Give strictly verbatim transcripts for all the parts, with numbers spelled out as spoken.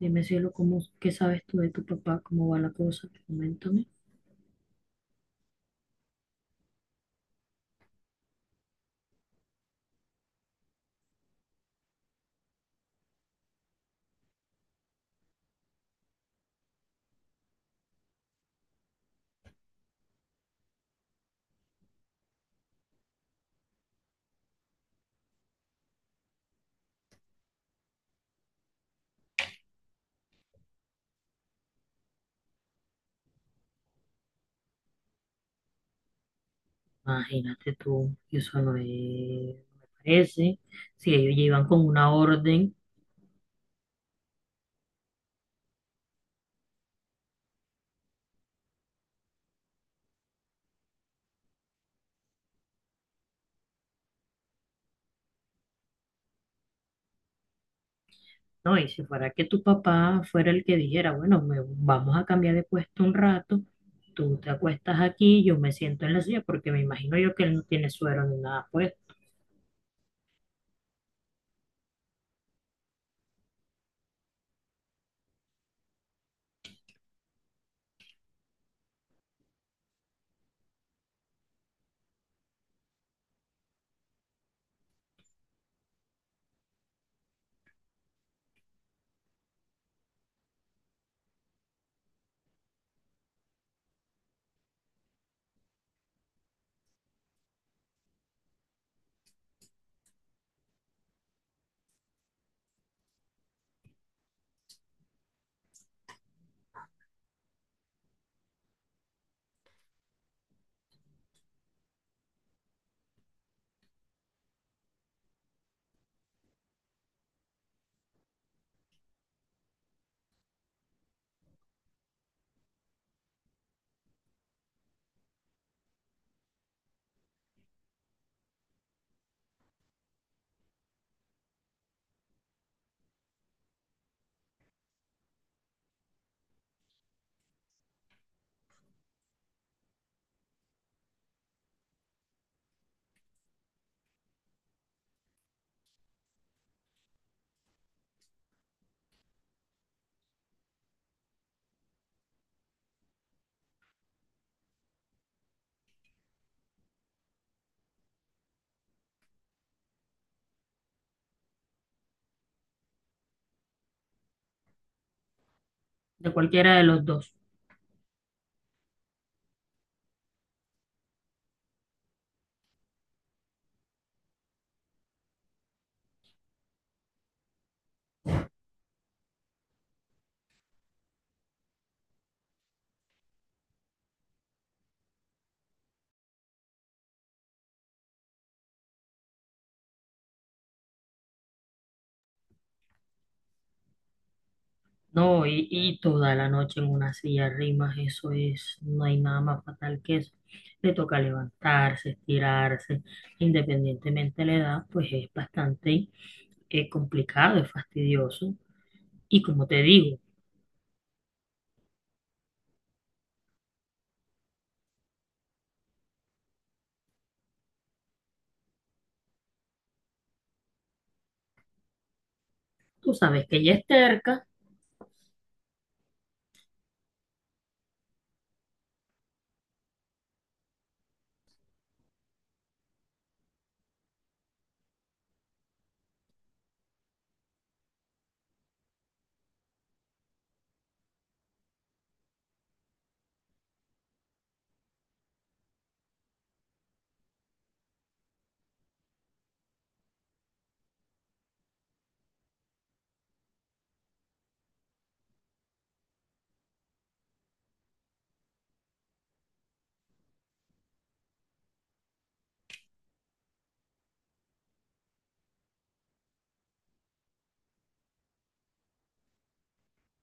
Dime, cielo, ¿cómo, qué sabes tú de tu papá? ¿Cómo va la cosa? Coméntame. Imagínate tú, y eso no es, no me parece. Si ellos llevan con una orden, ¿no? Y si fuera que tu papá fuera el que dijera, bueno, me- vamos a cambiar de puesto un rato, tú te acuestas aquí, yo me siento en la silla, porque me imagino yo que él no tiene suero ni nada, pues, de cualquiera de los dos. No, y, y toda la noche en una silla de rimas, eso es, no hay nada más fatal que eso. Le toca levantarse, estirarse, independientemente de la edad, pues es bastante eh, complicado, es fastidioso. Y como te digo, tú sabes que ella es terca.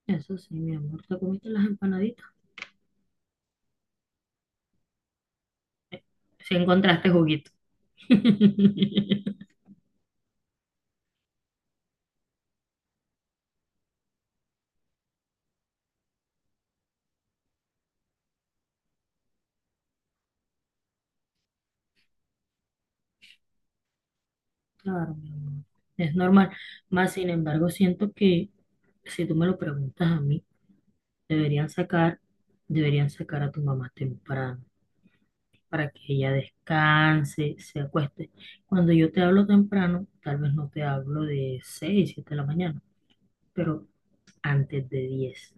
Eso sí, mi amor, te comiste las empanaditas. Si encontraste juguito. Claro, mi amor, es normal. Más sin embargo, siento que si tú me lo preguntas a mí, deberían sacar, deberían sacar a tu mamá temprano para que ella descanse, se acueste. Cuando yo te hablo temprano, tal vez no te hablo de seis siete de la mañana, pero antes de diez.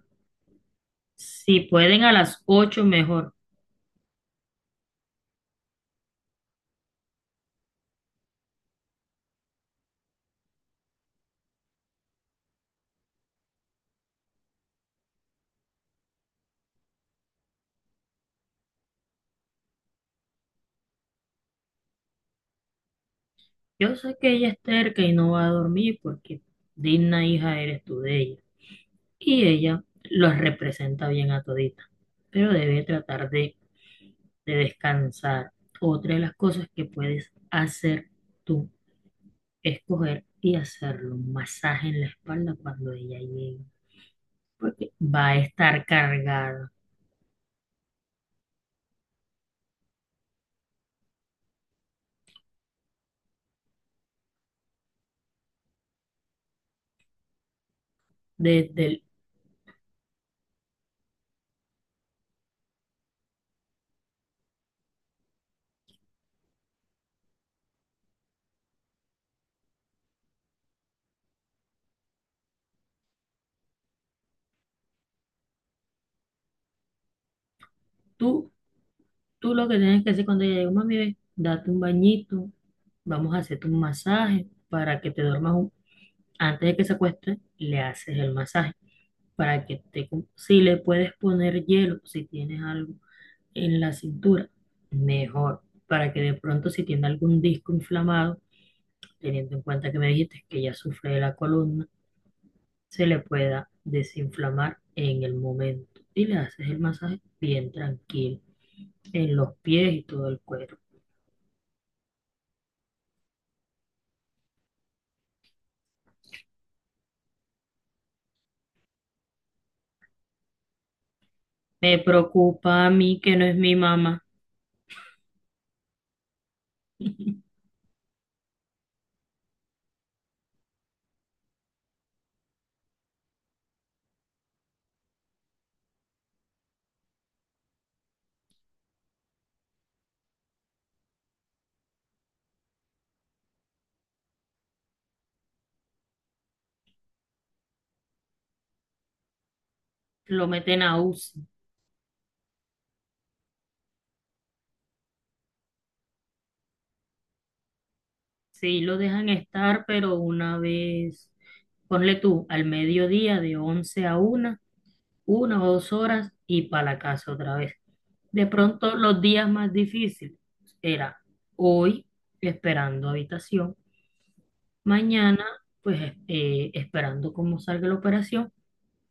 Si pueden a las ocho mejor. Yo sé que ella es terca y no va a dormir porque digna hija eres tú de ella. Y ella los representa bien a todita, pero debe tratar de, de descansar. Otra de las cosas que puedes hacer tú escoger y hacerle un masaje en la espalda cuando ella llegue, porque va a estar cargada. Desde el, tú, tú lo que tienes que hacer cuando ella llegue, mami, ve, date un bañito, vamos a hacerte un masaje para que te duermas un- antes de que se acueste, le haces el masaje para que te, si le puedes poner hielo, si tienes algo en la cintura, mejor, para que de pronto si tiene algún disco inflamado, teniendo en cuenta que me dijiste que ella sufre de la columna, se le pueda desinflamar en el momento. Y le haces el masaje bien tranquilo, en los pies y todo el cuerpo. Me preocupa a mí que no es mi mamá. Lo meten a U C I. Sí, lo dejan estar, pero una vez, ponle tú, al mediodía de once a una, una o dos horas y para la casa otra vez. De pronto los días más difíciles era hoy esperando habitación. Mañana, pues eh, esperando cómo salga la operación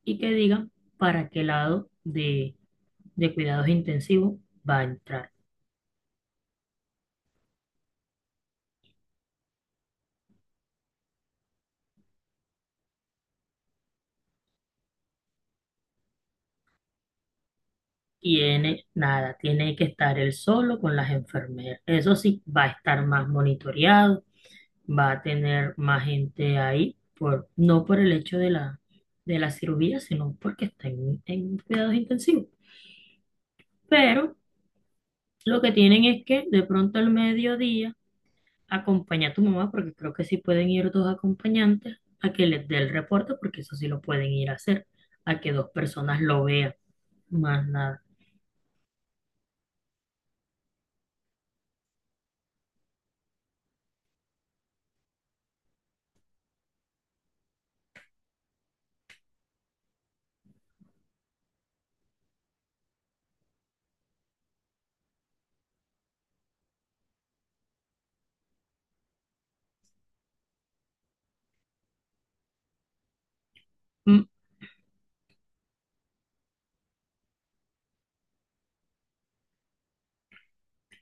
y que digan para qué lado de, de cuidados intensivos va a entrar. Tiene nada, tiene que estar él solo con las enfermeras. Eso sí, va a estar más monitoreado, va a tener más gente ahí, por, no por el hecho de la, de la cirugía, sino porque está en en cuidados intensivos. Pero lo que tienen es que de pronto al mediodía, acompaña a tu mamá, porque creo que sí pueden ir dos acompañantes, a que les dé el reporte, porque eso sí lo pueden ir a hacer, a que dos personas lo vean, más nada. Mm.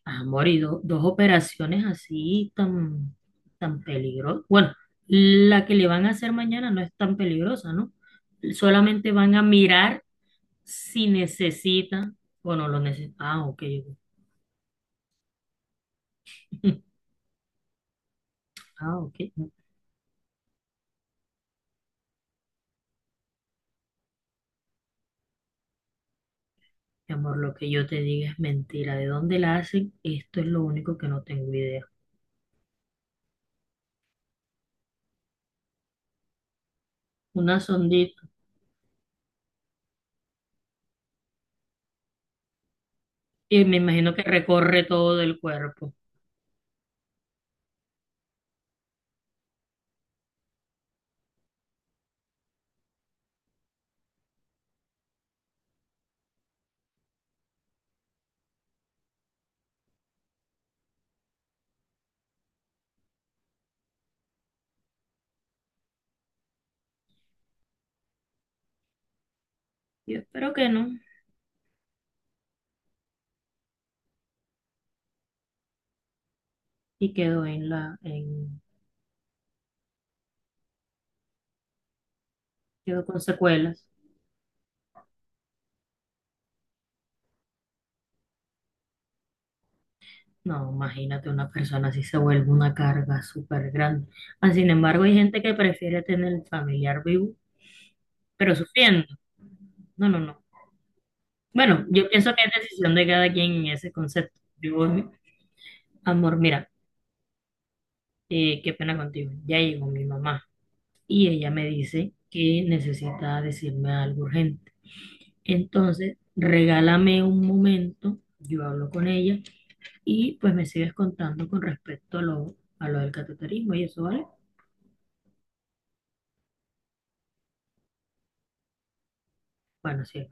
Amor, y do- dos operaciones así tan, tan peligrosas. Bueno, la que le van a hacer mañana no es tan peligrosa, ¿no? Solamente van a mirar si necesitan o no lo necesitan. Ah, ok. Ah, ok. Mi amor, lo que yo te diga es mentira. ¿De dónde la hacen? Esto es lo único que no tengo idea. Una sondita. Y me imagino que recorre todo el cuerpo. Yo espero que no. Y quedó en la, en, quedó con secuelas. No, imagínate una persona así se vuelve una carga súper grande. Ah, sin embargo, hay gente que prefiere tener el familiar vivo, pero sufriendo. No, no, no. Bueno, yo pienso que es decisión de cada quien en ese concepto. Yo, amor, mira, eh, qué pena contigo. Ya llegó mi mamá y ella me dice que necesita decirme algo urgente. Entonces, regálame un momento, yo hablo con ella y pues me sigues contando con respecto a lo, a lo del cateterismo y eso, ¿vale? Bueno, sí,